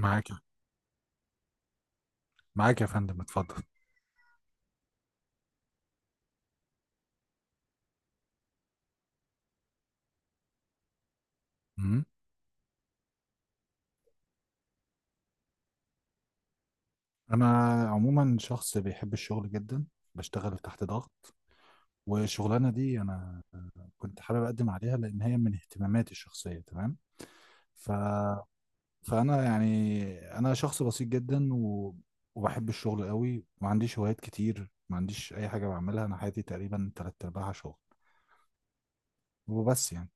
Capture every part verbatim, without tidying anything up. معاك معاك يا فندم، اتفضل. مم. انا عموما شخص بيحب الشغل جدا، بشتغل تحت ضغط. والشغلانه دي انا كنت حابب اقدم عليها لان هي من اهتماماتي الشخصيه. تمام. ف... فانا يعني انا شخص بسيط جدا و... وبحب الشغل قوي، ما عنديش هوايات كتير، ما عنديش اي حاجه بعملها، انا حياتي تقريبا تلات ارباعها شغل وبس يعني.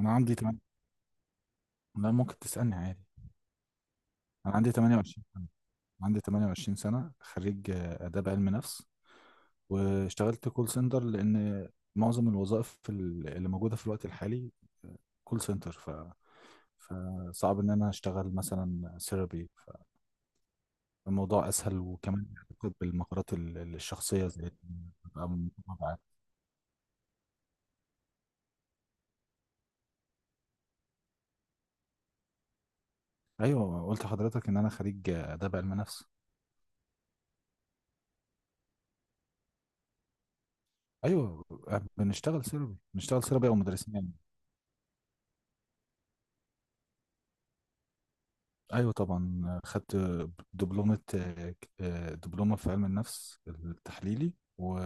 انا عندي، تمام، لا ممكن تسالني عادي. انا عندي ثمانية وعشرين سنه، عندي ثمانية وعشرين سنه، خريج آه، اداب علم نفس. واشتغلت كول سنتر، لان معظم الوظائف ال- اللي موجوده في الوقت الحالي كول سنتر، ف فصعب ان انا اشتغل مثلا سيرابي، فالموضوع اسهل، وكمان بيعتقد بالمهارات ال- ال- الشخصيه، زي ال- ببقى متابعة. ايوه، قلت لحضرتك ان انا خريج اداب علم نفس. ايوه، بنشتغل سيرابي بنشتغل سيرابي او مدرسين. ايوه طبعا، خدت دبلومه دبلومه في علم النفس التحليلي، و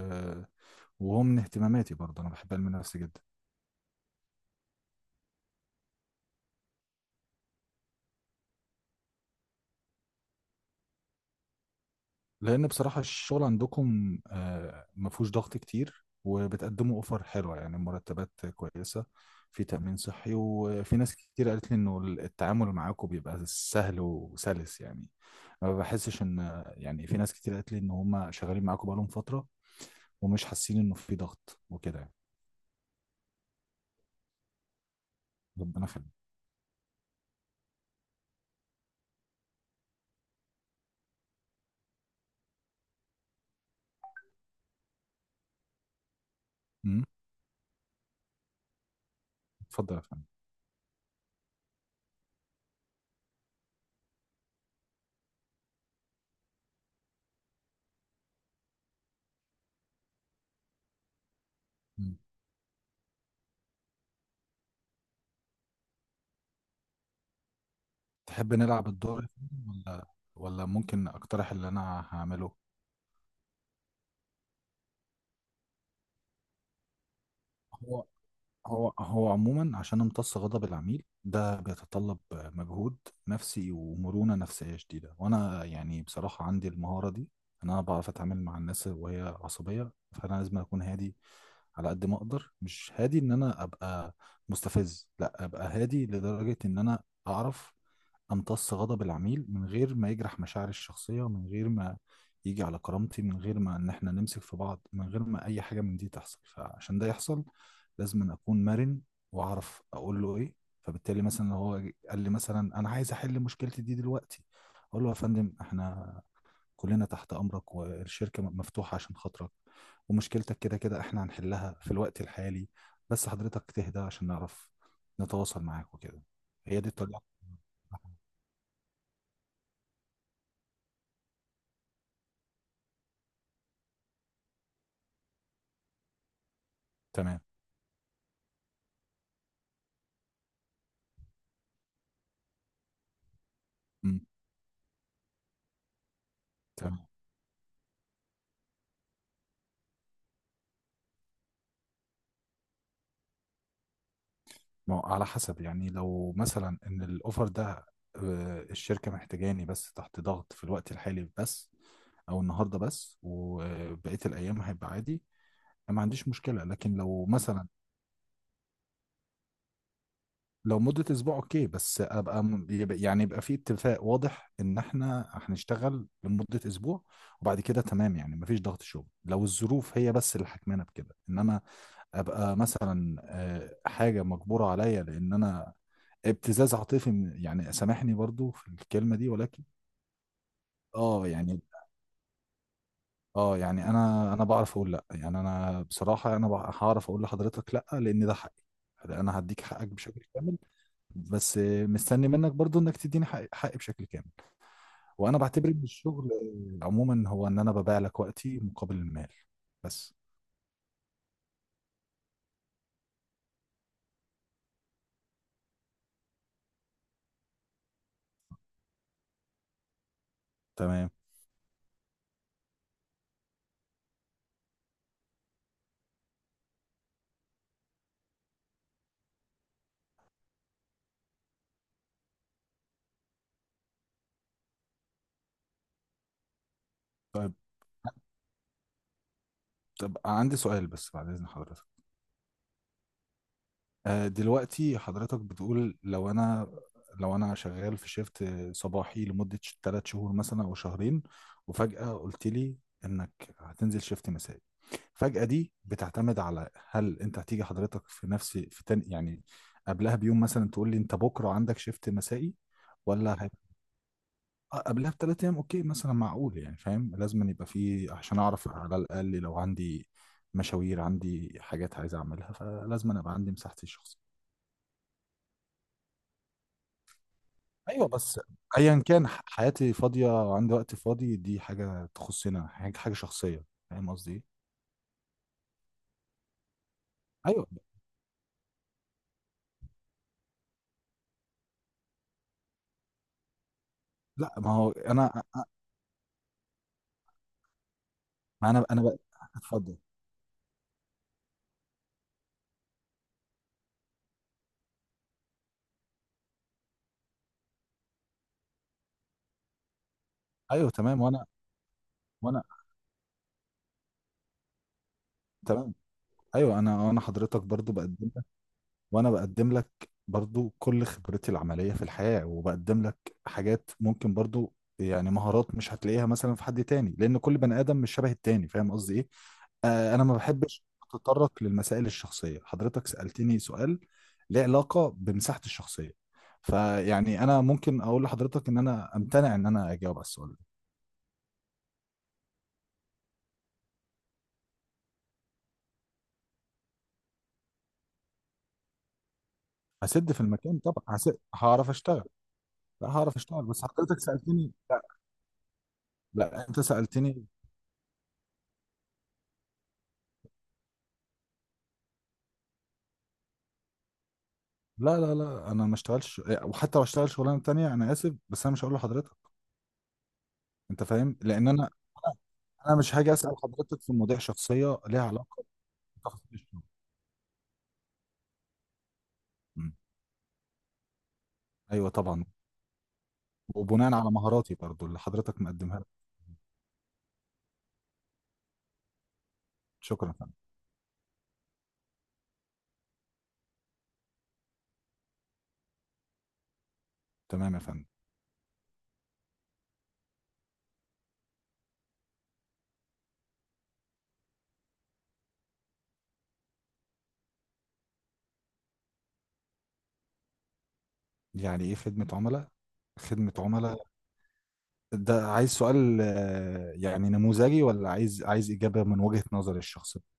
وهو من اهتماماتي برضه، انا بحب علم النفس جدا. لان بصراحه الشغل عندكم آه، ما فيهوش ضغط كتير، وبتقدموا اوفر حلوه يعني، مرتبات كويسه، في تامين صحي، وفي ناس كتير قالت لي انه التعامل معاكم بيبقى سهل وسلس يعني، ما بحسش ان يعني، في ناس كتير قالت لي ان هم شغالين معاكم بقالهم فتره ومش حاسين انه في ضغط وكده يعني. ربنا يخليك. اتفضل يا فندم. مم. تحب نلعب الدور يا فندم؟ ولا ولا ممكن اقترح اللي انا هعمله؟ هو هو هو عموما عشان امتص غضب العميل ده، بيتطلب مجهود نفسي ومرونة نفسية شديدة، وانا يعني بصراحة عندي المهارة دي. انا بعرف اتعامل مع الناس وهي عصبية، فانا لازم اكون هادي على قد ما اقدر، مش هادي ان انا ابقى مستفز، لا، ابقى هادي لدرجة ان انا اعرف امتص غضب العميل من غير ما يجرح مشاعري الشخصيه، من غير ما يجي على كرامتي، من غير ما ان احنا نمسك في بعض، من غير ما اي حاجه من دي تحصل. فعشان ده يحصل لازم أن اكون مرن، واعرف اقول له ايه. فبالتالي مثلا لو هو جه- قال لي مثلا انا عايز احل مشكلتي دي دلوقتي، اقول له يا فندم، احنا كلنا تحت امرك، والشركه م- مفتوحه عشان خاطرك، ومشكلتك كده كده احنا هنحلها في الوقت الحالي، بس حضرتك تهدى عشان نعرف نتواصل معاك وكده. هي دي الطريقه. تمام. مم. تمام. ما هو على حسب، يعني لو مثلا ان الاوفر ده آه، الشركه محتاجاني بس تحت ضغط في الوقت الحالي بس، او النهارده بس وبقيه الايام هيبقى عادي، أنا ما عنديش مشكله. لكن لو مثلا، لو مده اسبوع اوكي، بس ابقى م- يبقى- يعني يبقى في اتفاق واضح ان احنا هنشتغل لمده اسبوع، وبعد كده تمام، يعني مفيش ضغط شغل لو الظروف هي بس اللي حكمانه بكده، انما ابقى مثلا آه، حاجه مجبوره عليا، لان انا ابتزاز عاطفي من- يعني سامحني برضو في الكلمة دي ولكن. اه يعني، اه يعني انا انا بعرف اقول لا يعني. انا بصراحة، انا بع- هعرف اقول لحضرتك لا، لان ده حقي، انا هديك حقك بشكل كامل، بس مستني منك برضو انك تديني حقي, حقي بشكل كامل، وانا بعتبر ان الشغل عموما هو ان انا ببيع لك وقتي مقابل المال بس. تمام. طيب طب عندي سؤال بس بعد اذن حضرتك. آه، دلوقتي حضرتك بتقول لو انا لو انا شغال في شيفت صباحي لمدة ثلاث شهور مثلا او شهرين، وفجأة قلت لي انك هتنزل شيفت مسائي. فجأة دي بتعتمد على، هل انت هتيجي حضرتك في نفس في تاني يعني، قبلها بيوم مثلا تقول لي انت بكرة عندك شيفت مسائي، ولا هيبقى آه، قبلها بثلاث ايام. اوكي، مثلا معقول، يعني فاهم، لازم أن يبقى فيه عشان اعرف على الاقل لو عندي مشاوير، عندي حاجات عايز اعملها، فلازم أن ابقى عندي مساحتي الشخصية. ايوه بس، ايا كان، ح- حياتي فاضيه وعندي وقت فاضي، دي حاجه تخصنا، حاجه حاجه شخصيه، فاهم قصدي ايه؟ ايوه. لا، ما هو انا، ما انا انا بقى. اتفضل. ايوه تمام، وانا وانا تمام. ايوه انا انا حضرتك برضو بقدم لك، وانا بقدم لك برضو كل خبرتي العمليه في الحياه، وبقدم لك حاجات ممكن برضو يعني مهارات مش هتلاقيها مثلا في حد تاني، لان كل بني ادم مش شبه التاني، فاهم قصدي ايه؟ آه، انا ما بحبش اتطرق للمسائل الشخصيه. حضرتك سالتني سؤال ليه علاقه بمساحتي الشخصيه، فيعني انا ممكن اقول لحضرتك ان انا امتنع ان انا اجاوب على السؤال ده. هسد في المكان طبعا، هسد، هعرف اشتغل. لا، هعرف اشتغل، بس حضرتك سالتني، لا، لا انت سالتني. لا، لا، لا، انا ما اشتغلش، وحتى لو اشتغل شغلانه تانية انا اسف بس انا مش هقول لحضرتك، انت فاهم، لان انا، انا مش هاجي اسال حضرتك في مواضيع شخصيه ليها علاقه بتفاصيل الشغل. مم. ايوه طبعا، وبناء على مهاراتي برضو اللي حضرتك مقدمها لي. شكرا يا فندم. تمام يا فندم. يعني ايه خدمة عملاء؟ خدمة عملاء، ده عايز سؤال آه، يعني نموذجي، ولا عايز عايز إجابة من وجهة نظري الشخصية؟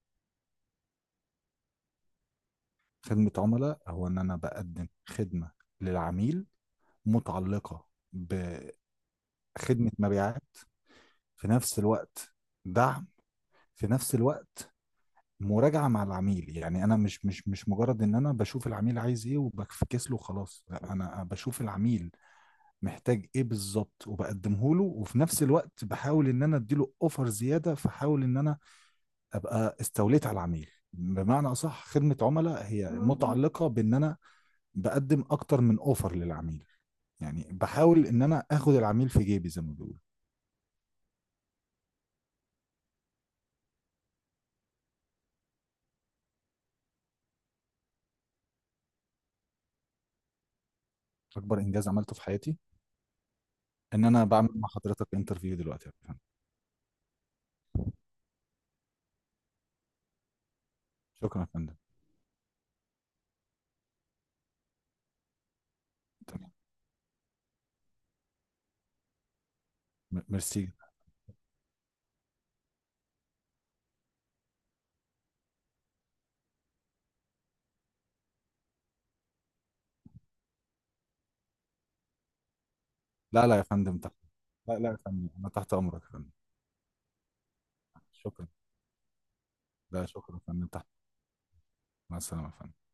خدمة عملاء هو إن أنا بقدم خدمة للعميل، متعلقة بخدمة مبيعات في نفس الوقت، دعم في نفس الوقت، مراجعة مع العميل. يعني أنا مش مش مش مجرد إن أنا بشوف العميل عايز إيه وبفكس له خلاص، لا، أنا بشوف العميل محتاج ايه بالظبط وبقدمه له، وفي نفس الوقت بحاول ان انا اديله اوفر زياده، فحاول ان انا ابقى استوليت على العميل بمعنى اصح. خدمه عملاء هي متعلقه بان انا بقدم اكتر من اوفر للعميل، يعني بحاول ان انا اخد العميل في جيبي زي ما بيقولوا. اكبر انجاز عملته في حياتي ان انا بعمل مع حضرتك انترفيو دلوقتي يا فندم. شكرا يا فندم. تمام. م- ميرسي. لا، لا يا فندم، تحت. لا، لا يا فندم، انا تحت امرك يا فندم. شكرا. لا، شكرا يا فندم، تحت. مع السلامه يا فندم.